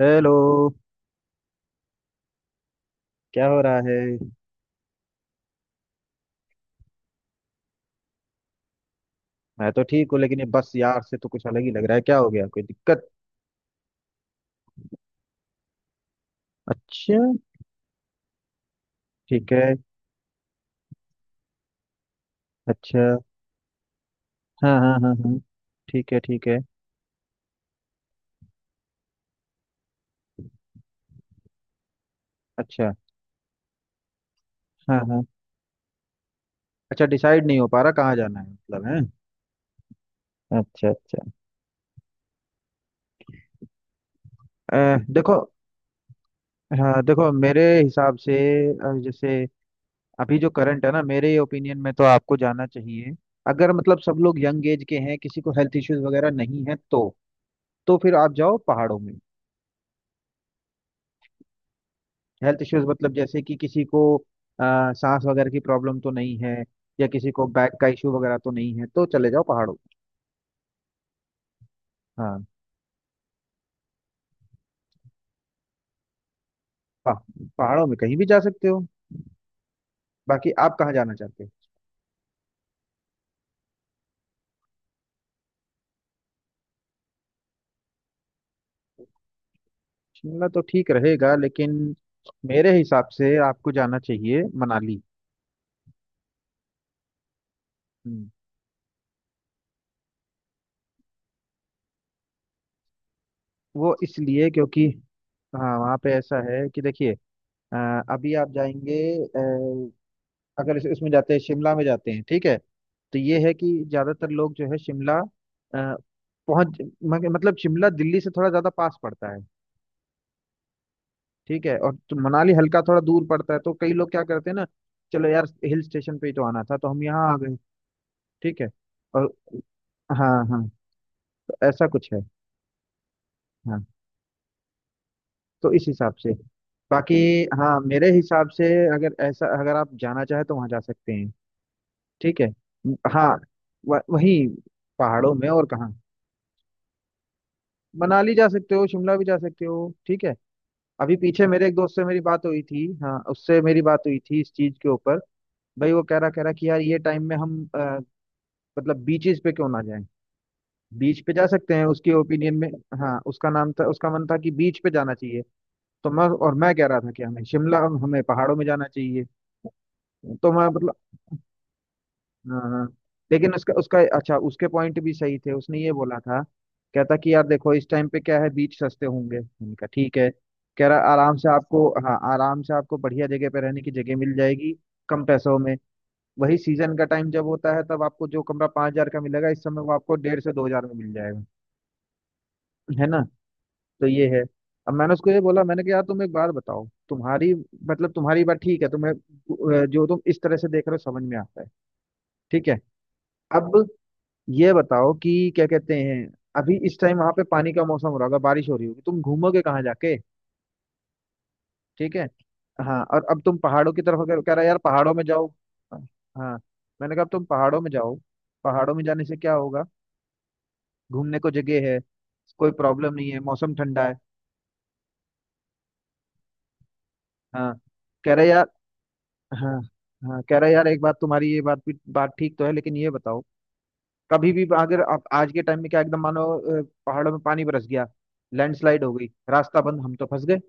Hello. क्या हो रहा है? मैं तो ठीक हूँ लेकिन ये बस यार से तो कुछ अलग ही लग रहा है। क्या हो गया? कोई दिक्कत? अच्छा। ठीक है। अच्छा। हाँ, हाँ, हाँ, हाँ। ठीक है, ठीक है। अच्छा। हाँ, हाँ। अच्छा, डिसाइड नहीं हो पा रहा कहाँ जाना है मतलब है। अच्छा, अच्छा। देखो, हाँ देखो, मेरे हिसाब से जैसे अभी जो करंट है ना, मेरे ओपिनियन में तो आपको जाना चाहिए। अगर मतलब सब लोग यंग एज के हैं, किसी को हेल्थ इश्यूज वगैरह नहीं है तो फिर आप जाओ पहाड़ों में। हेल्थ इश्यूज मतलब जैसे कि किसी को अ, सांस वगैरह की प्रॉब्लम तो नहीं है, या किसी को बैक का इशू वगैरह तो नहीं है, तो चले जाओ पहाड़ों। हाँ। पा, पहाड़ों में कहीं भी जा सकते हो। बाकी आप कहाँ जाना चाहते हो? शिमला तो ठीक रहेगा लेकिन मेरे हिसाब से आपको जाना चाहिए मनाली। हम्म, वो इसलिए क्योंकि हाँ, वहाँ पे ऐसा है कि देखिए, अ, अभी आप जाएंगे, अगर इसमें जाते हैं, शिमला में जाते हैं, ठीक है? तो ये है कि ज्यादातर लोग जो है शिमला पहुंच, मतलब शिमला दिल्ली से थोड़ा ज्यादा पास पड़ता है। ठीक है? और तो मनाली हल्का थोड़ा दूर पड़ता है, तो कई लोग क्या करते हैं ना, चलो यार हिल स्टेशन पे ही तो आना था तो हम यहाँ आ गए। ठीक है? और हाँ, हाँ, तो ऐसा कुछ है। हाँ, तो इस हिसाब से बाकी हाँ, मेरे हिसाब से अगर ऐसा, अगर आप जाना चाहे तो वहाँ जा सकते हैं। ठीक है? हाँ, वही पहाड़ों में, और कहाँ? मनाली जा सकते हो, शिमला भी जा सकते हो। ठीक है? अभी पीछे मेरे एक दोस्त से मेरी बात हुई थी, हाँ, उससे मेरी बात हुई थी इस चीज के ऊपर। भाई वो कह रहा कि यार ये टाइम में हम मतलब बीचेस पे क्यों ना जाएं, बीच पे जा सकते हैं उसकी ओपिनियन में। हाँ, उसका नाम था, उसका मन था कि बीच पे जाना चाहिए। तो मैं, और मैं कह रहा था कि हमें शिमला, हमें पहाड़ों में जाना चाहिए। तो मैं मतलब हाँ, हाँ, लेकिन उसका उसका अच्छा उसके पॉइंट भी सही थे, उसने ये बोला था, कहता कि यार देखो इस टाइम पे क्या है, बीच सस्ते होंगे। मैंने कहा ठीक है, कह रहा आराम से आपको, हाँ आराम से आपको बढ़िया जगह पे रहने की जगह मिल जाएगी कम पैसों में। वही सीजन का टाइम जब होता है तब आपको जो कमरा 5,000 का मिलेगा, इस समय वो आपको 1,500 से 2,000 में मिल जाएगा। है ना? तो ये है। अब मैंने उसको ये बोला, मैंने कहा यार तुम एक बात बताओ, तुम्हारी मतलब तुम्हारी बात ठीक है, तुम्हें जो तुम इस तरह से देख रहे हो समझ में आता है, ठीक है। अब ये बताओ कि क्या कहते हैं, अभी इस टाइम वहां पे पानी का मौसम हो रहा होगा, बारिश हो रही होगी, तुम घूमोगे कहाँ जाके? ठीक है? हाँ, और अब तुम पहाड़ों की तरफ अगर कह रहा है, यार पहाड़ों में जाओ। हाँ, मैंने कहा अब तुम पहाड़ों में जाओ। पहाड़ों में जाने से क्या होगा? घूमने को जगह है, कोई प्रॉब्लम नहीं है, मौसम ठंडा है। हाँ, कह रहे यार हाँ, हाँ, कह रहे यार एक बात, तुम्हारी ये बात भी बात ठीक तो है, लेकिन ये बताओ, कभी भी अगर आप आज के टाइम में क्या एकदम मानो पहाड़ों में पानी बरस गया, लैंडस्लाइड हो गई, रास्ता बंद, हम तो फंस गए।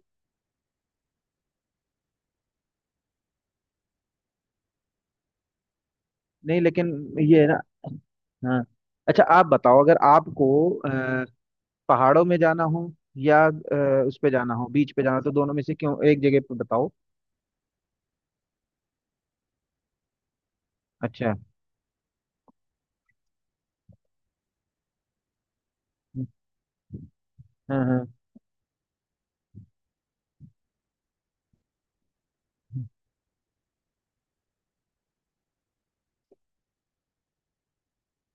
नहीं लेकिन ये है ना। हाँ। अच्छा आप बताओ, अगर आपको पहाड़ों में जाना हो, या उस पे जाना हो, बीच पे जाना हो, तो दोनों में से क्यों एक जगह पे बताओ। अच्छा। हम्म, हाँ, हाँ,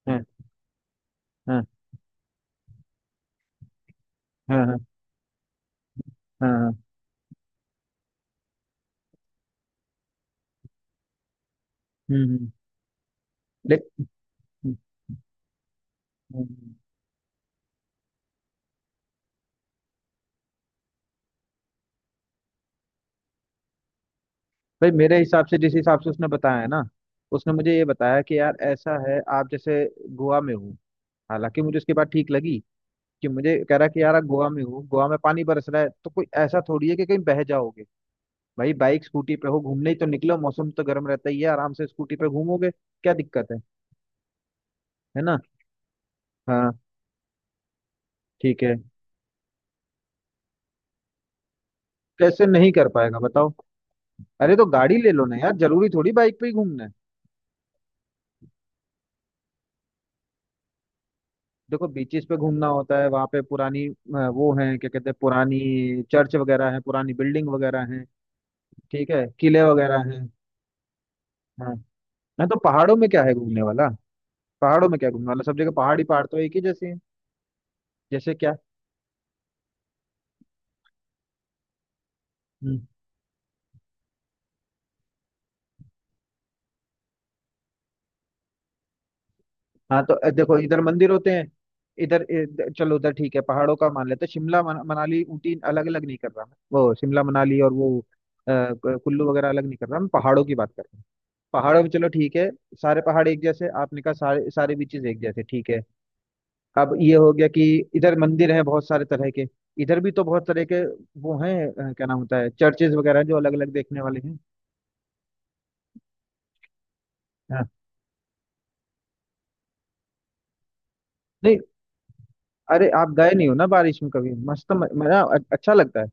हाँ, हाँ, हाँ, हाँ। हाँ। हम्म हम्म ले- हम्म, हम्म। भाई मेरे हिसाब से जिस हिसाब से उसने बताया है ना, उसने मुझे ये बताया कि यार ऐसा है, आप जैसे गोवा में हो, हालांकि मुझे उसकी बात ठीक लगी, कि मुझे कह रहा कि यार आप गोवा में हो, गोवा में पानी बरस रहा है, तो कोई ऐसा थोड़ी है कि कहीं बह जाओगे। भाई बाइक स्कूटी पे हो, घूमने ही तो निकलो, मौसम तो गर्म रहता ही है, आराम से स्कूटी पे घूमोगे, क्या दिक्कत है? है ना? हाँ, ठीक है। कैसे नहीं कर पाएगा बताओ? अरे तो गाड़ी ले लो ना यार, जरूरी थोड़ी बाइक पे ही घूमना है। देखो बीचेस पे घूमना होता है, वहां पे पुरानी वो है, क्या कहते हैं, पुरानी चर्च वगैरह है, पुरानी बिल्डिंग वगैरह है, ठीक है किले वगैरह हैं। हाँ, ना तो पहाड़ों में क्या है घूमने वाला? पहाड़ों में क्या घूमने वाला, सब जगह पहाड़ ही पहाड़, तो एक ही जैसे हैं। जैसे क्या? हम्म। हाँ तो देखो इधर मंदिर होते हैं, इधर इधर- चलो उधर, ठीक है पहाड़ों का मान लेते हैं। शिमला, मनाली, ऊटी, अलग अलग नहीं कर रहा मैं, वो शिमला मनाली और वो कुल्लू वगैरह अलग नहीं कर रहा मैं, पहाड़ों की बात कर रहा हूँ। पहाड़ों में चलो ठीक है। सारे पहाड़ एक जैसे आपने कहा, सारे सारे बीचेस एक जैसे, ठीक है। अब ये हो गया कि इधर मंदिर हैं बहुत सारे तरह के, इधर भी तो बहुत तरह के वो हैं। क्या नाम होता है, चर्चेज वगैरह हैं, जो अलग अलग देखने वाले हैं। हाँ। नहीं, अरे आप गए नहीं हो ना बारिश में कभी, मस्त मजा अच्छा लगता है।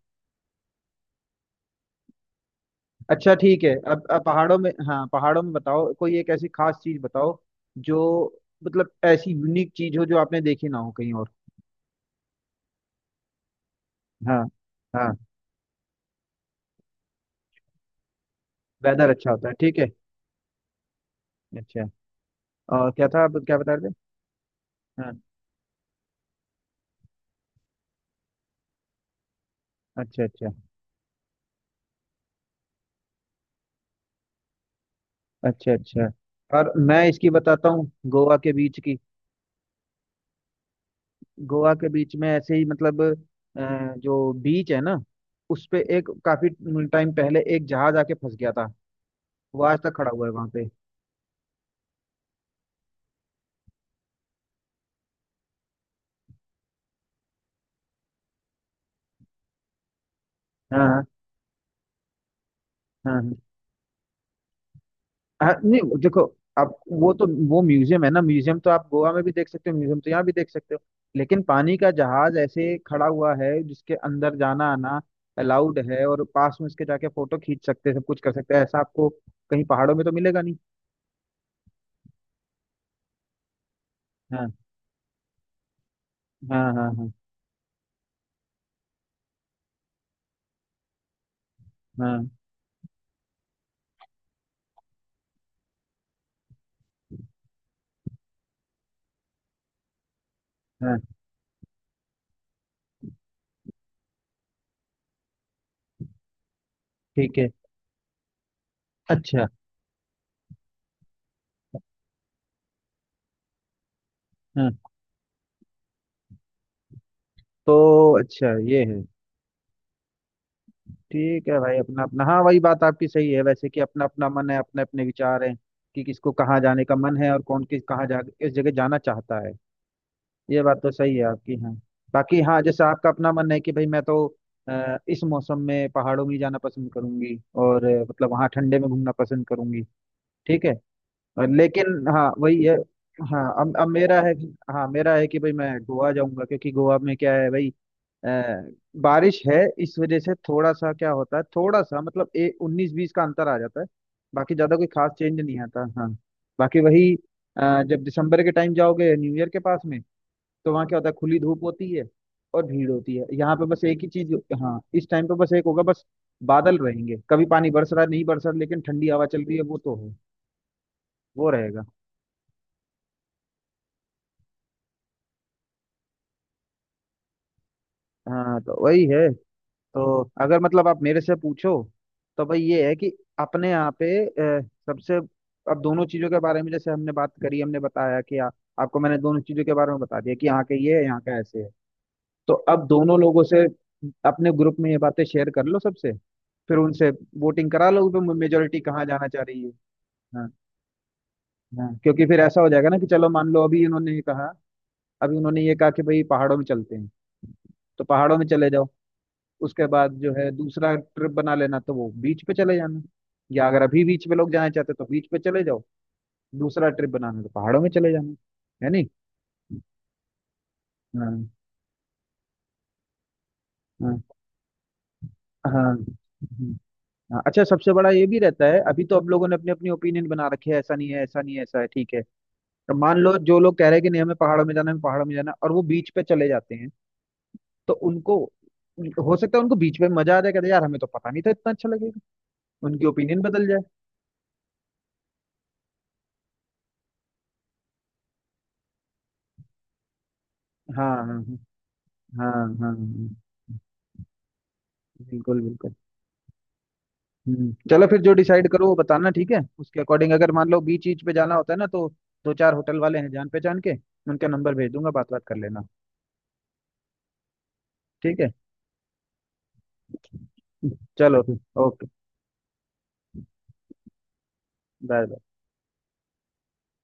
अच्छा ठीक है, अब पहाड़ों में हाँ, पहाड़ों में बताओ कोई एक ऐसी खास चीज बताओ जो, मतलब ऐसी यूनिक चीज हो जो आपने देखी ना हो कहीं और। हाँ, हाँ। वेदर अच्छा होता है, ठीक है। अच्छा, और क्या था आप क्या बता रहे थे? हाँ। अच्छा, अच्छा। अच्छा, अच्छा। और मैं इसकी बताता हूँ गोवा के बीच की। गोवा के बीच में ऐसे ही, मतलब जो बीच है ना, उस पे एक काफी टाइम पहले एक जहाज आके फंस गया था, वो आज तक खड़ा हुआ है वहां पे। हाँ, हाँ, हाँ। हाँ। हाँ नहीं देखो, आप वो तो, वो म्यूजियम है ना, म्यूजियम तो आप गोवा में भी देख सकते हो, म्यूजियम तो यहाँ भी देख सकते हो, लेकिन पानी का जहाज ऐसे खड़ा हुआ है जिसके अंदर जाना आना अलाउड है, और पास में उसके जाके फोटो खींच सकते हैं, सब कुछ कर सकते हैं, ऐसा आपको कहीं पहाड़ों में तो मिलेगा नहीं। हाँ, हाँ, हाँ, हाँ, हाँ, हाँ। ठीक है। अच्छा। हाँ, तो अच्छा ये है। ठीक है भाई, अपना अपना, हाँ वही बात आपकी सही है वैसे, कि अपना अपना मन है, अपने अपने विचार हैं, कि किसको कहाँ जाने का मन है, और कौन किस कहाँ जा, किस जगह जाना चाहता है। ये बात तो सही है आपकी, हाँ। बाकी हाँ, जैसे आपका अपना मन है कि भाई मैं तो इस मौसम में पहाड़ों में ही जाना पसंद करूंगी, और मतलब वहाँ ठंडे में घूमना पसंद करूंगी। ठीक है। और लेकिन हाँ वही है। हाँ, अब मेरा है हाँ, मेरा है कि भाई मैं गोवा जाऊंगा क्योंकि गोवा में क्या है भाई, अ, बारिश है, इस वजह से थोड़ा सा क्या होता है, थोड़ा सा मतलब ए उन्नीस बीस का अंतर आ जाता है, बाकी ज्यादा कोई खास चेंज नहीं आता। हाँ, बाकी वही जब दिसंबर के टाइम जाओगे न्यू ईयर के पास में, तो वहाँ क्या होता है खुली धूप होती है और भीड़ होती है, यहाँ पे बस एक ही चीज। हाँ, इस टाइम पे बस एक होगा, बस बादल रहेंगे, कभी पानी बरस रहा है, नहीं बरस रहा, लेकिन ठंडी हवा चल रही है वो तो है, वो रहेगा। हाँ, तो वही है। तो अगर मतलब आप मेरे से पूछो, तो भाई ये है कि अपने यहाँ पे अ, सबसे, अब दोनों चीजों के बारे में जैसे हमने बात करी, हमने बताया कि आ, आपको मैंने दोनों चीजों के बारे में बता दिया कि यहाँ के ये है, यहाँ का ऐसे है। तो अब दोनों लोगों से अपने ग्रुप में ये बातें शेयर कर लो सबसे, फिर उनसे वोटिंग करा लो, तो मेजोरिटी कहाँ जाना चाह रही है। हाँ, हाँ, क्योंकि फिर ऐसा हो जाएगा ना कि चलो, मान लो अभी उन्होंने ये कहा, अभी उन्होंने ये कहा कि भाई पहाड़ों में चलते हैं, तो पहाड़ों में चले जाओ। उसके बाद जो है दूसरा ट्रिप बना लेना तो वो बीच पे चले जाना। या अगर अभी बीच पे लोग जाना चाहते हैं, तो बीच पे चले जाओ, दूसरा ट्रिप बनाना तो पहाड़ों में चले जाना। है नहीं? हाँ, हाँ, हाँ, हाँ, अच्छा। सबसे बड़ा ये भी रहता है, अभी तो अब लोगों ने अपनी अपनी ओपिनियन बना रखी है, ऐसा नहीं है, ऐसा नहीं है ऐसा है ठीक है। तो मान लो जो लोग कह रहे हैं कि नहीं हमें पहाड़ों में जाना, हमें पहाड़ों में जाना, और वो बीच पे चले जाते हैं, तो उनको हो सकता है उनको बीच में मजा आ जाए, कहते हैं, यार हमें तो पता नहीं था इतना अच्छा लगेगा, उनकी ओपिनियन बदल जाए। हाँ, हाँ, हाँ। हाँ, हाँ, हाँ, बिल्कुल बिल्कुल। हम्म, चलो फिर जो डिसाइड करो वो बताना, ठीक है? उसके अकॉर्डिंग अगर मान लो बीच बीच पे जाना होता है ना, तो दो चार होटल वाले हैं जान पहचान के, उनका नंबर भेज दूंगा, बात बात कर लेना। ठीक है। चलो फिर, ओके, बाय बाय।